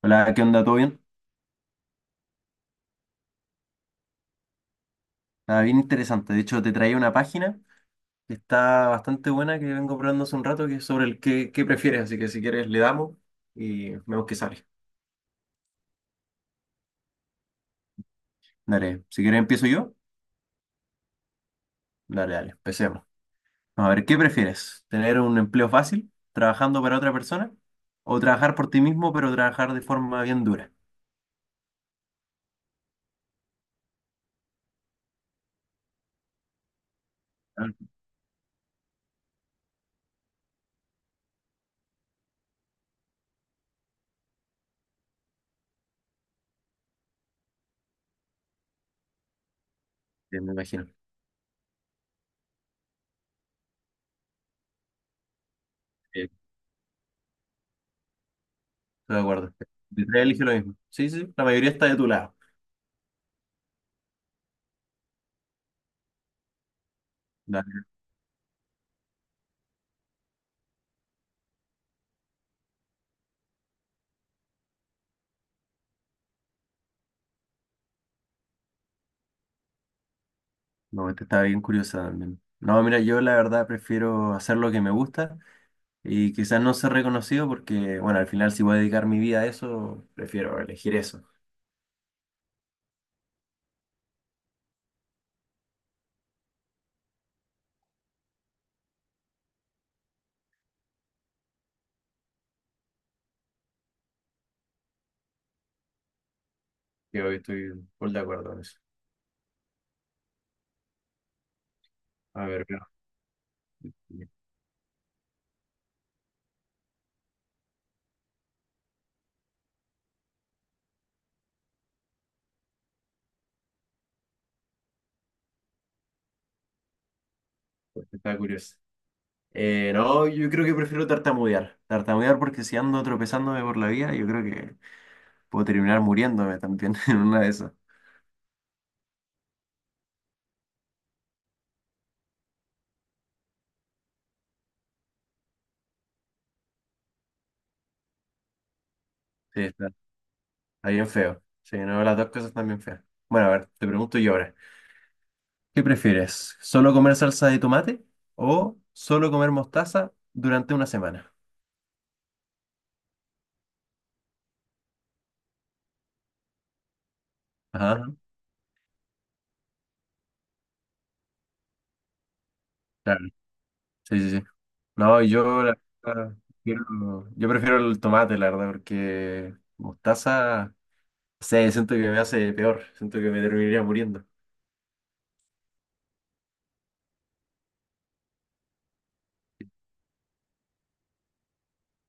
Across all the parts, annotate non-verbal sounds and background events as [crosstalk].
Hola, ¿qué onda? ¿Todo bien? Nada, bien interesante. De hecho, te traía una página que está bastante buena que vengo probando hace un rato, que es sobre el qué prefieres. Así que si quieres le damos y vemos qué sale. Dale, si quieres empiezo yo. Dale, dale, empecemos. A ver, ¿qué prefieres? ¿Tener un empleo fácil trabajando para otra persona? ¿O trabajar por ti mismo pero trabajar de forma bien dura? Ah, sí, me imagino. Sí, estoy de acuerdo. De tres elige lo mismo. Sí, sí, sí, la mayoría está de tu lado. No, esta está bien curiosa también. No, mira, yo la verdad prefiero hacer lo que me gusta y quizás no ser reconocido porque, bueno, al final si voy a dedicar mi vida a eso, prefiero elegir eso. Yo estoy full de acuerdo con eso. A ver, mira, pues, está curioso. No, yo creo que prefiero tartamudear. Tartamudear porque si ando tropezándome por la vida, yo creo que puedo terminar muriéndome también [laughs] en una de esas. Sí, está bien feo. Sí, no, las dos cosas están bien feas. Bueno, a ver, te pregunto yo ahora. ¿Qué prefieres? ¿Solo comer salsa de tomate o solo comer mostaza durante una semana? Ajá, claro. Sí, sí, sí. No, yo, la verdad, yo prefiero el tomate, la verdad, porque mostaza, no sé, siento que me hace peor, siento que me terminaría muriendo.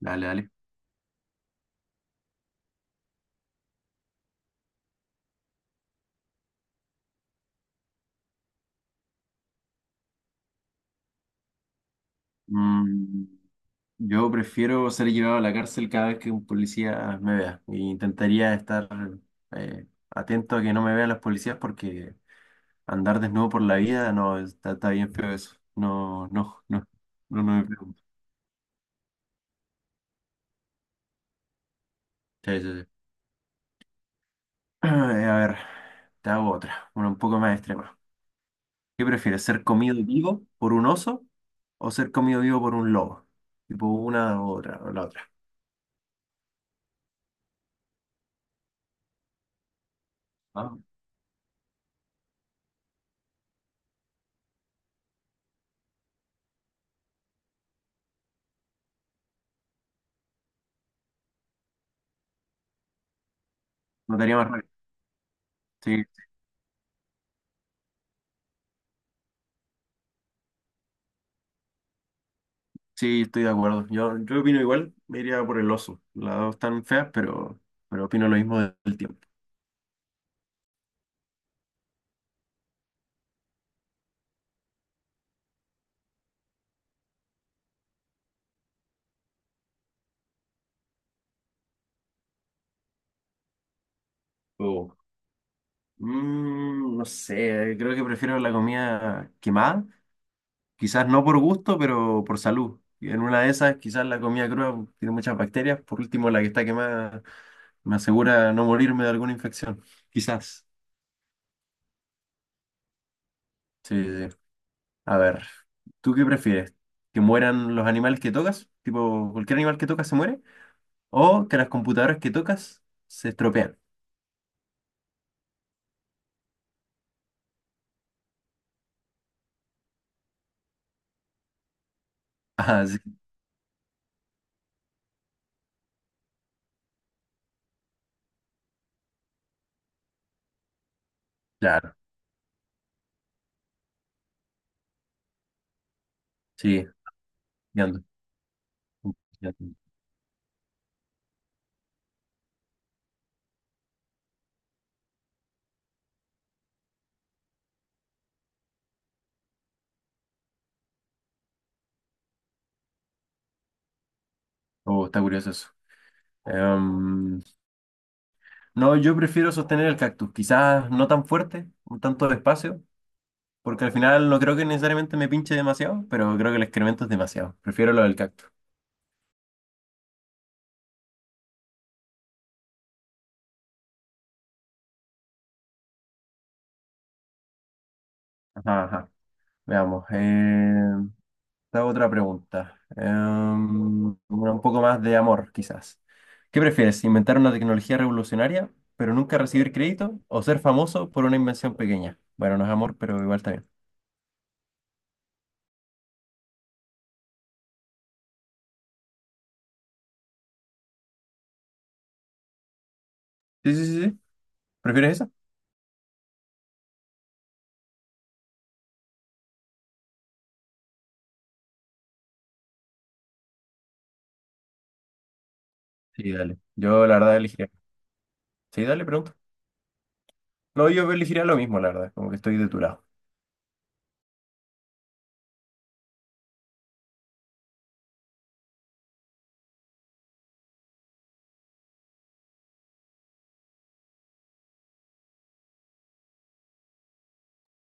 Dale, dale. Mm, yo prefiero ser llevado a la cárcel cada vez que un policía me vea. E intentaría estar atento a que no me vean los policías porque andar desnudo por la vida, no, está bien feo eso. No, no, no, no, no me pregunto. Sí, sí, sí. [clears throat] A ver, te hago otra, una un poco más extrema. ¿Qué prefieres, ser comido vivo por un oso o ser comido vivo por un lobo? Tipo una u otra, o la otra. Ah, no te haría más rabia. Sí, sí, estoy de acuerdo. Yo opino igual, me iría por el oso. Las dos están feas, pero opino lo mismo del tiempo. Oh. Mm, no sé, creo que prefiero la comida quemada quizás no por gusto, pero por salud. Y en una de esas, quizás la comida cruda tiene muchas bacterias. Por último, la que está quemada me asegura no morirme de alguna infección. Quizás. Sí, sí, sí. A ver, ¿tú qué prefieres? ¿Que mueran los animales que tocas? Tipo, cualquier animal que tocas se muere. ¿O que las computadoras que tocas se estropean? [laughs] Ah, sí, claro. Sí, ya ando. Ya ando. Oh, está curioso eso. Em, no, yo prefiero sostener el cactus. Quizás no tan fuerte, un tanto despacio. Porque al final no creo que necesariamente me pinche demasiado, pero creo que el excremento es demasiado. Prefiero lo del cactus. Ajá, ajá. Veamos. Te hago otra pregunta. Em, una un poco más de amor, quizás. ¿Qué prefieres? ¿Inventar una tecnología revolucionaria, pero nunca recibir crédito? ¿O ser famoso por una invención pequeña? Bueno, no es amor, pero igual está bien. Sí, sí, sí, sí. ¿Prefieres eso? Sí, dale. Yo la verdad elegiría. Sí, dale, pregunta. No, yo elegiría lo mismo, la verdad. Como que estoy de tu lado.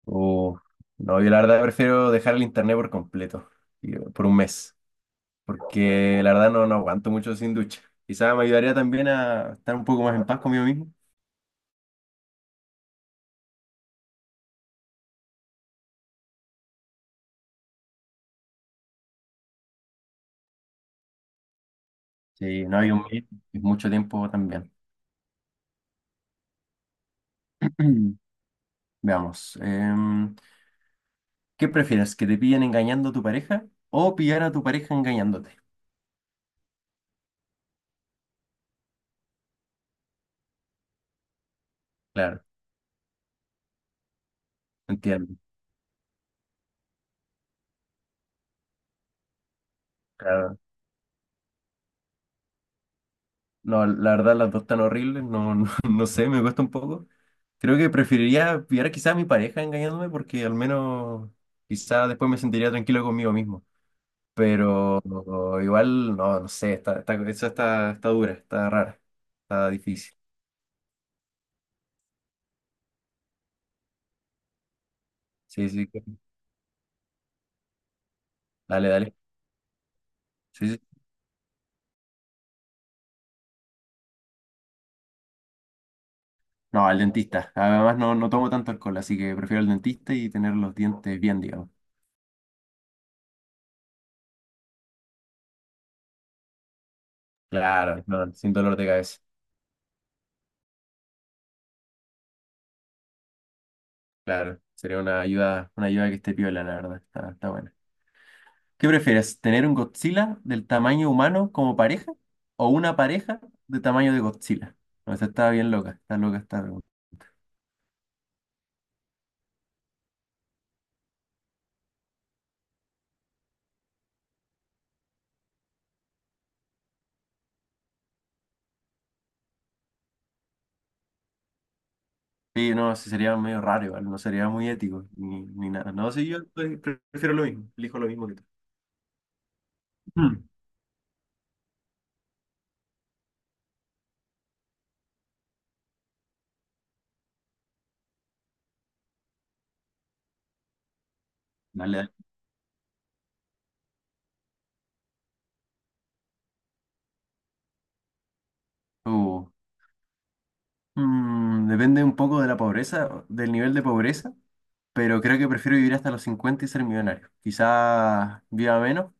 Uf, no, yo la verdad prefiero dejar el internet por completo, por un mes, porque la verdad no, no aguanto mucho sin ducha. Quizás me ayudaría también a estar un poco más en paz conmigo mismo. Sí, no hay un mes, es mucho tiempo también. [clears throat] Veamos, em, ¿qué prefieres? ¿Que te pillen engañando a tu pareja o pillar a tu pareja engañándote? Claro, entiendo. Claro. No, la verdad las dos están horribles, no, no, [laughs] no sé, me cuesta un poco. Creo que preferiría pillar quizá a mi pareja engañándome porque al menos quizá después me sentiría tranquilo conmigo mismo. Pero igual, no, no sé, esa está dura, está rara, está difícil. Sí, sí, dale, dale. Sí, sí. No, al dentista. Además no, no tomo tanto alcohol, así que prefiero al dentista y tener los dientes bien, digamos. Claro, no, sin dolor de cabeza. Claro, sería una ayuda que esté piola, la verdad. Está, está bueno. ¿Qué prefieres? ¿Tener un Godzilla del tamaño humano como pareja o una pareja de tamaño de Godzilla? No, esta está bien loca, está loca esta pregunta. Sí, no, sí sería medio raro igual, no sería muy ético ni, ni nada. No, sí, prefiero lo mismo, elijo lo mismo que tú. Mm. Dale, dale. Uh, mm, depende un poco de la pobreza, del nivel de pobreza, pero creo que prefiero vivir hasta los 50 y ser millonario. Quizás viva menos,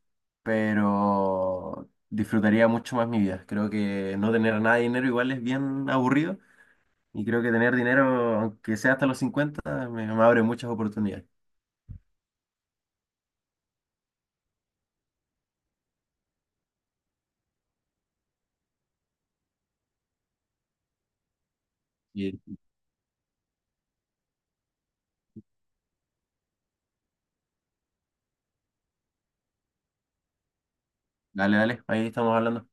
pero disfrutaría mucho más mi vida. Creo que no tener nada de dinero igual es bien aburrido y creo que tener dinero, aunque sea hasta los 50 me abre muchas oportunidades. Y dale, dale, ahí estamos hablando.